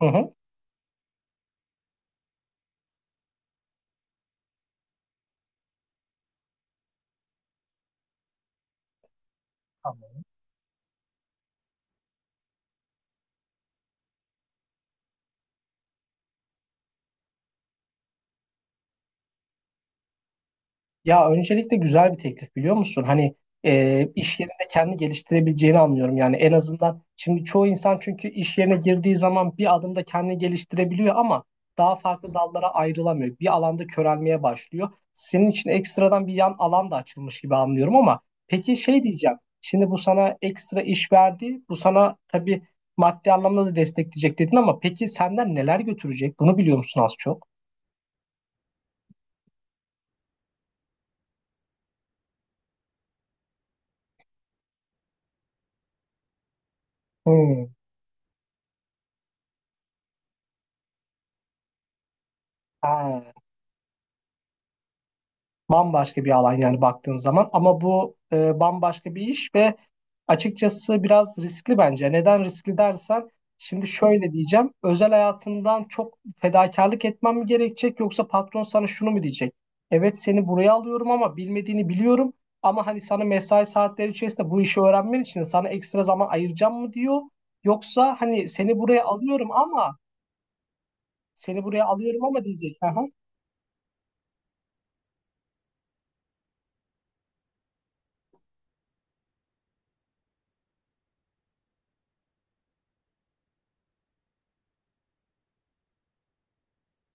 Hı hı. Anladım. Ya öncelikle güzel bir teklif biliyor musun? Hani iş yerinde kendi geliştirebileceğini anlıyorum. Yani en azından şimdi çoğu insan çünkü iş yerine girdiği zaman bir adımda kendini geliştirebiliyor ama daha farklı dallara ayrılamıyor. Bir alanda körelmeye başlıyor. Senin için ekstradan bir yan alan da açılmış gibi anlıyorum ama peki şey diyeceğim. Şimdi bu sana ekstra iş verdi. Bu sana tabii maddi anlamda da destekleyecek dedin ama peki senden neler götürecek? Bunu biliyor musun az çok? Hmm. Ha. Bambaşka bir alan yani baktığın zaman ama bu bambaşka bir iş ve açıkçası biraz riskli bence. Neden riskli dersen şimdi şöyle diyeceğim. Özel hayatından çok fedakarlık etmem mi gerekecek yoksa patron sana şunu mu diyecek? Evet, seni buraya alıyorum ama bilmediğini biliyorum ama hani sana mesai saatleri içerisinde bu işi öğrenmen için sana ekstra zaman ayıracağım mı diyor. Yoksa hani seni buraya alıyorum ama seni buraya alıyorum ama diyecek.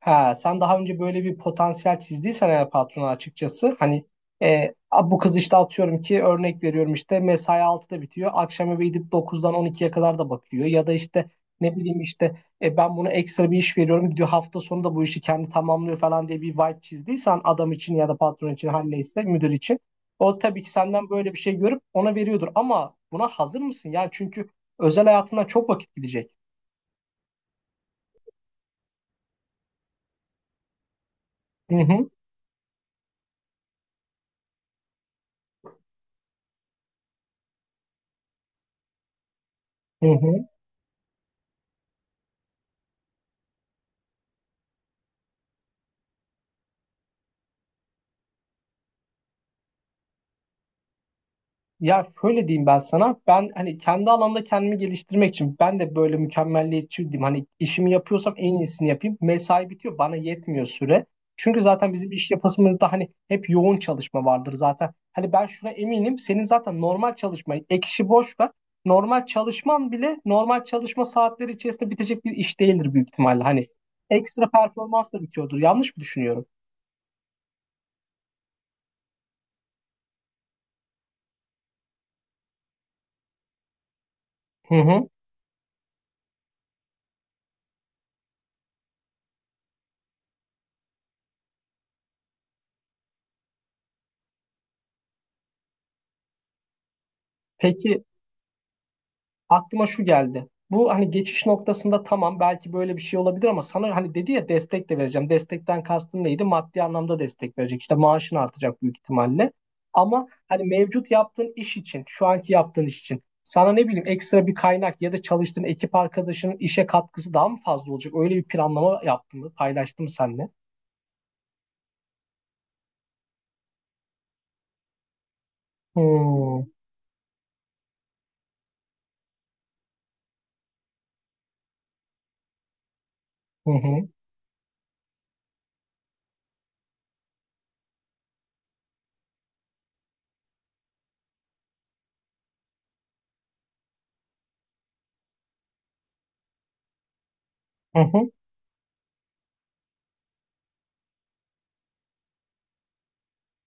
Ha, sen daha önce böyle bir potansiyel çizdiysen eğer patrona açıkçası hani "A, bu kız işte atıyorum ki örnek veriyorum işte mesai 6'da bitiyor. Akşam eve gidip 9'dan 12'ye kadar da bakıyor. Ya da işte ne bileyim işte ben buna ekstra bir iş veriyorum, gidiyor hafta sonu da bu işi kendi tamamlıyor falan" diye bir vibe çizdiysen adam için ya da patron için her neyse müdür için. O tabii ki senden böyle bir şey görüp ona veriyordur ama buna hazır mısın? Yani çünkü özel hayatından çok vakit gidecek. Hı hı, hı hı. Ya şöyle diyeyim ben sana. Ben hani kendi alanda kendimi geliştirmek için ben de böyle mükemmelliyetçi diyeyim. Hani işimi yapıyorsam en iyisini yapayım. Mesai bitiyor. Bana yetmiyor süre. Çünkü zaten bizim iş yapısımızda hani hep yoğun çalışma vardır zaten. Hani ben şuna eminim. Senin zaten normal çalışma, ek işi boş ver. Normal çalışman bile normal çalışma saatleri içerisinde bitecek bir iş değildir büyük ihtimalle. Hani ekstra performans da bitiyordur. Yanlış mı düşünüyorum? Hı hı. Peki aklıma şu geldi. Bu hani geçiş noktasında tamam, belki böyle bir şey olabilir ama sana hani dedi ya destek de vereceğim. Destekten kastın neydi? Maddi anlamda destek verecek. İşte maaşın artacak büyük ihtimalle. Ama hani mevcut yaptığın iş için, şu anki yaptığın iş için sana ne bileyim ekstra bir kaynak ya da çalıştığın ekip arkadaşının işe katkısı daha mı fazla olacak? Öyle bir planlama yaptın mı? Paylaştın mı seninle? Hmm. Hı hı. Hı hı.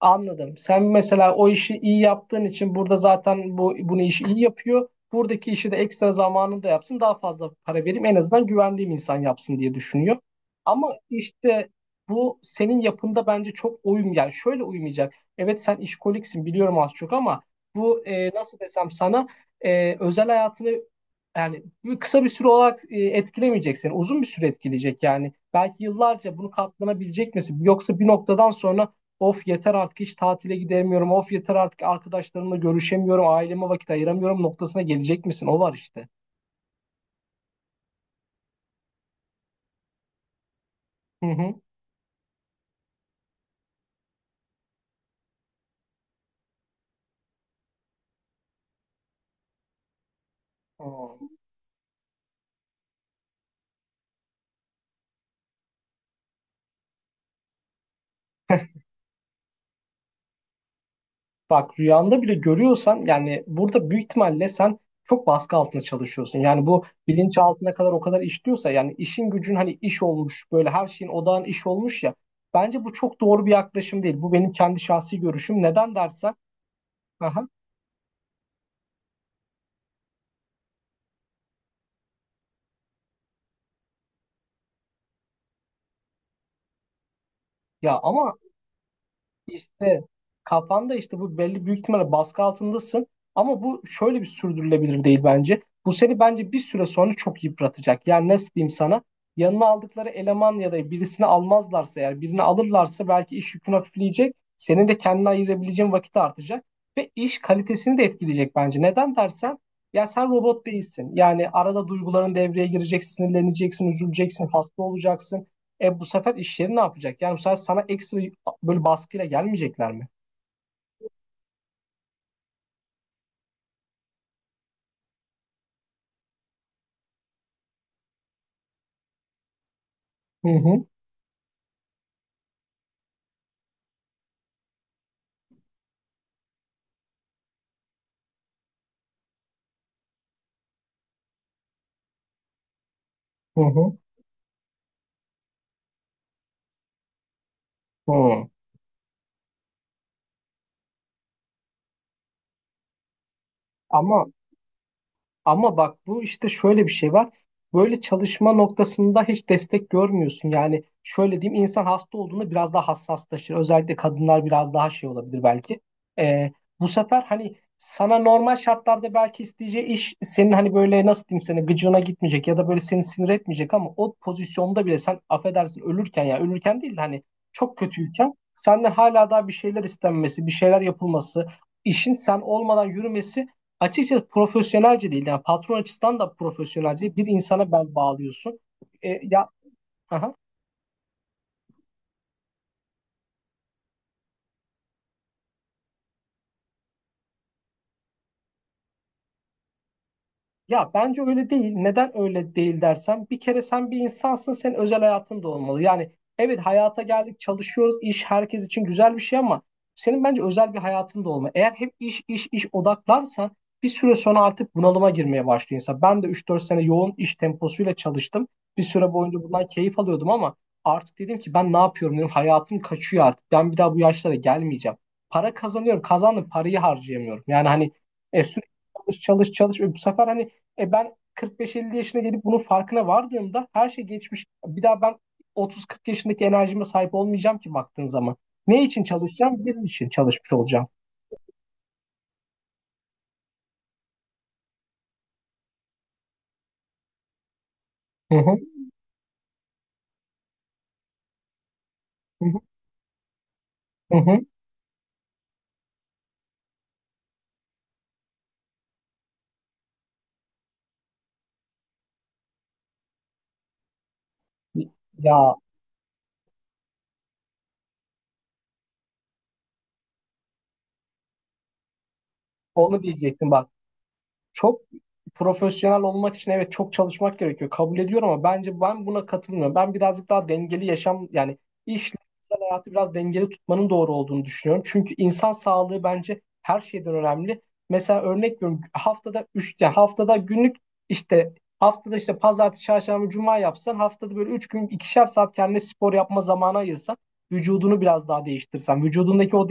Anladım. Sen mesela o işi iyi yaptığın için burada zaten bu bunu işi iyi yapıyor. Buradaki işi de ekstra zamanında yapsın, daha fazla para vereyim. En azından güvendiğim insan yapsın diye düşünüyor. Ama işte bu senin yapında bence çok uyum, yani şöyle uymayacak. Evet, sen işkoliksin biliyorum az çok ama bu nasıl desem sana, özel hayatını yani kısa bir süre olarak etkilemeyecek seni. Uzun bir süre etkileyecek yani. Belki yıllarca bunu katlanabilecek misin? Yoksa bir noktadan sonra, "Of, yeter artık hiç tatile gidemiyorum. Of, yeter artık arkadaşlarımla görüşemiyorum. Aileme vakit ayıramıyorum" noktasına gelecek misin? O var işte. Hı hı. Hı. Bak, rüyanda bile görüyorsan yani burada büyük ihtimalle sen çok baskı altında çalışıyorsun. Yani bu bilinç altına kadar o kadar işliyorsa, yani işin gücün hani iş olmuş, böyle her şeyin odağın iş olmuş ya. Bence bu çok doğru bir yaklaşım değil. Bu benim kendi şahsi görüşüm. Neden dersen? Aha. Ya ama İşte kafanda işte bu belli, büyük ihtimalle baskı altındasın ama bu şöyle bir sürdürülebilir değil bence. Bu seni bence bir süre sonra çok yıpratacak. Yani nasıl diyeyim sana? Yanına aldıkları eleman ya da birisini almazlarsa, eğer birini alırlarsa belki iş yükün hafifleyecek. Senin de kendine ayırabileceğin vakit artacak ve iş kalitesini de etkileyecek bence. Neden dersen, ya sen robot değilsin. Yani arada duyguların devreye girecek, sinirleneceksin, üzüleceksin, hasta olacaksın. E, bu sefer iş yeri ne yapacak? Yani bu sefer sana ekstra böyle baskıyla gelmeyecekler mi? Hı hı, hı hı. Hı. Ama Ama bak, bu işte şöyle bir şey var. Böyle çalışma noktasında hiç destek görmüyorsun. Yani şöyle diyeyim, insan hasta olduğunda biraz daha hassaslaşır. Özellikle kadınlar biraz daha şey olabilir belki. Ee, bu sefer hani sana normal şartlarda belki isteyeceği iş senin hani böyle nasıl diyeyim sana gıcığına gitmeyecek ya da böyle seni sinir etmeyecek, ama o pozisyonda bile sen affedersin ölürken, ya ölürken değil de hani çok kötüyken senden hala daha bir şeyler istenmesi, bir şeyler yapılması, işin sen olmadan yürümesi açıkçası profesyonelce değil. Yani patron açısından da profesyonelce değil. Bir insana bel bağlıyorsun. Ya aha. Ya bence öyle değil. Neden öyle değil dersen, bir kere sen bir insansın, senin özel hayatın da olmalı. Yani evet, hayata geldik, çalışıyoruz, iş herkes için güzel bir şey ama senin bence özel bir hayatın da olmalı. Eğer hep iş iş iş odaklarsan bir süre sonra artık bunalıma girmeye başlıyor insan. Ben de 3-4 sene yoğun iş temposuyla çalıştım. Bir süre boyunca bundan keyif alıyordum ama artık dedim ki ben ne yapıyorum dedim. Hayatım kaçıyor artık. Ben bir daha bu yaşlara gelmeyeceğim. Para kazanıyorum, kazandım, parayı harcayamıyorum. Yani hani sürekli çalış çalış çalış ve bu sefer hani ben 45-50 yaşına gelip bunun farkına vardığımda her şey geçmiş. Bir daha ben 30-40 yaşındaki enerjime sahip olmayacağım ki baktığın zaman. Ne için çalışacağım? Benim için çalışmış olacağım. Hı hı, hı hı, hı hı. Ya onu diyecektim bak. Çok profesyonel olmak için evet çok çalışmak gerekiyor. Kabul ediyorum ama bence ben buna katılmıyorum. Ben birazcık daha dengeli yaşam, yani işle özel hayatı biraz dengeli tutmanın doğru olduğunu düşünüyorum. Çünkü insan sağlığı bence her şeyden önemli. Mesela örnek veriyorum, haftada 3 yani haftada günlük işte, haftada işte pazartesi, çarşamba, cuma yapsan, haftada böyle 3 gün 2'şer saat kendine spor yapma zamanı ayırsan, vücudunu biraz daha değiştirsen, vücudundaki o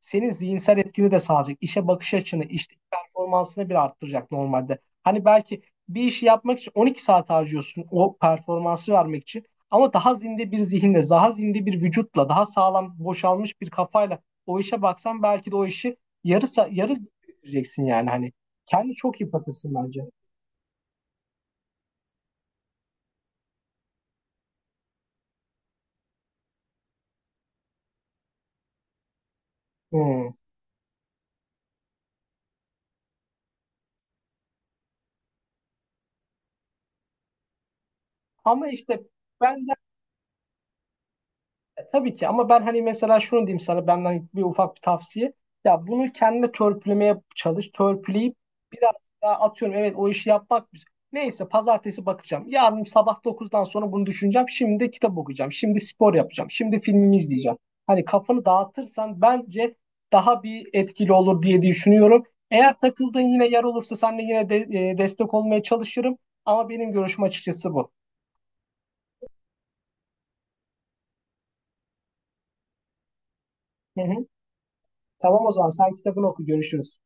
senin zihinsel etkini de sağlayacak. İşe bakış açını, işteki performansını bir arttıracak normalde. Hani belki bir işi yapmak için 12 saat harcıyorsun o performansı vermek için. Ama daha zinde bir zihinle, daha zinde bir vücutla, daha sağlam boşalmış bir kafayla o işe baksan belki de o işi yarı bitireceksin yani hani. Kendi çok yıpratırsın bence. Hmm. Ama işte ben tabii ki ama ben hani mesela şunu diyeyim sana, benden bir ufak bir tavsiye. Ya bunu kendine törpülemeye çalış. Törpüleyip biraz daha, atıyorum, evet o işi yapmak güzel. Neyse, pazartesi bakacağım. Yarın sabah 9'dan sonra bunu düşüneceğim. Şimdi de kitap okuyacağım. Şimdi spor yapacağım. Şimdi filmimi izleyeceğim. Hani kafanı dağıtırsan bence daha bir etkili olur diye düşünüyorum. Eğer takıldığın yine yer olursa seninle yine de destek olmaya çalışırım. Ama benim görüşüm açıkçası bu. Hı hı. Tamam, o zaman sen kitabını oku, görüşürüz.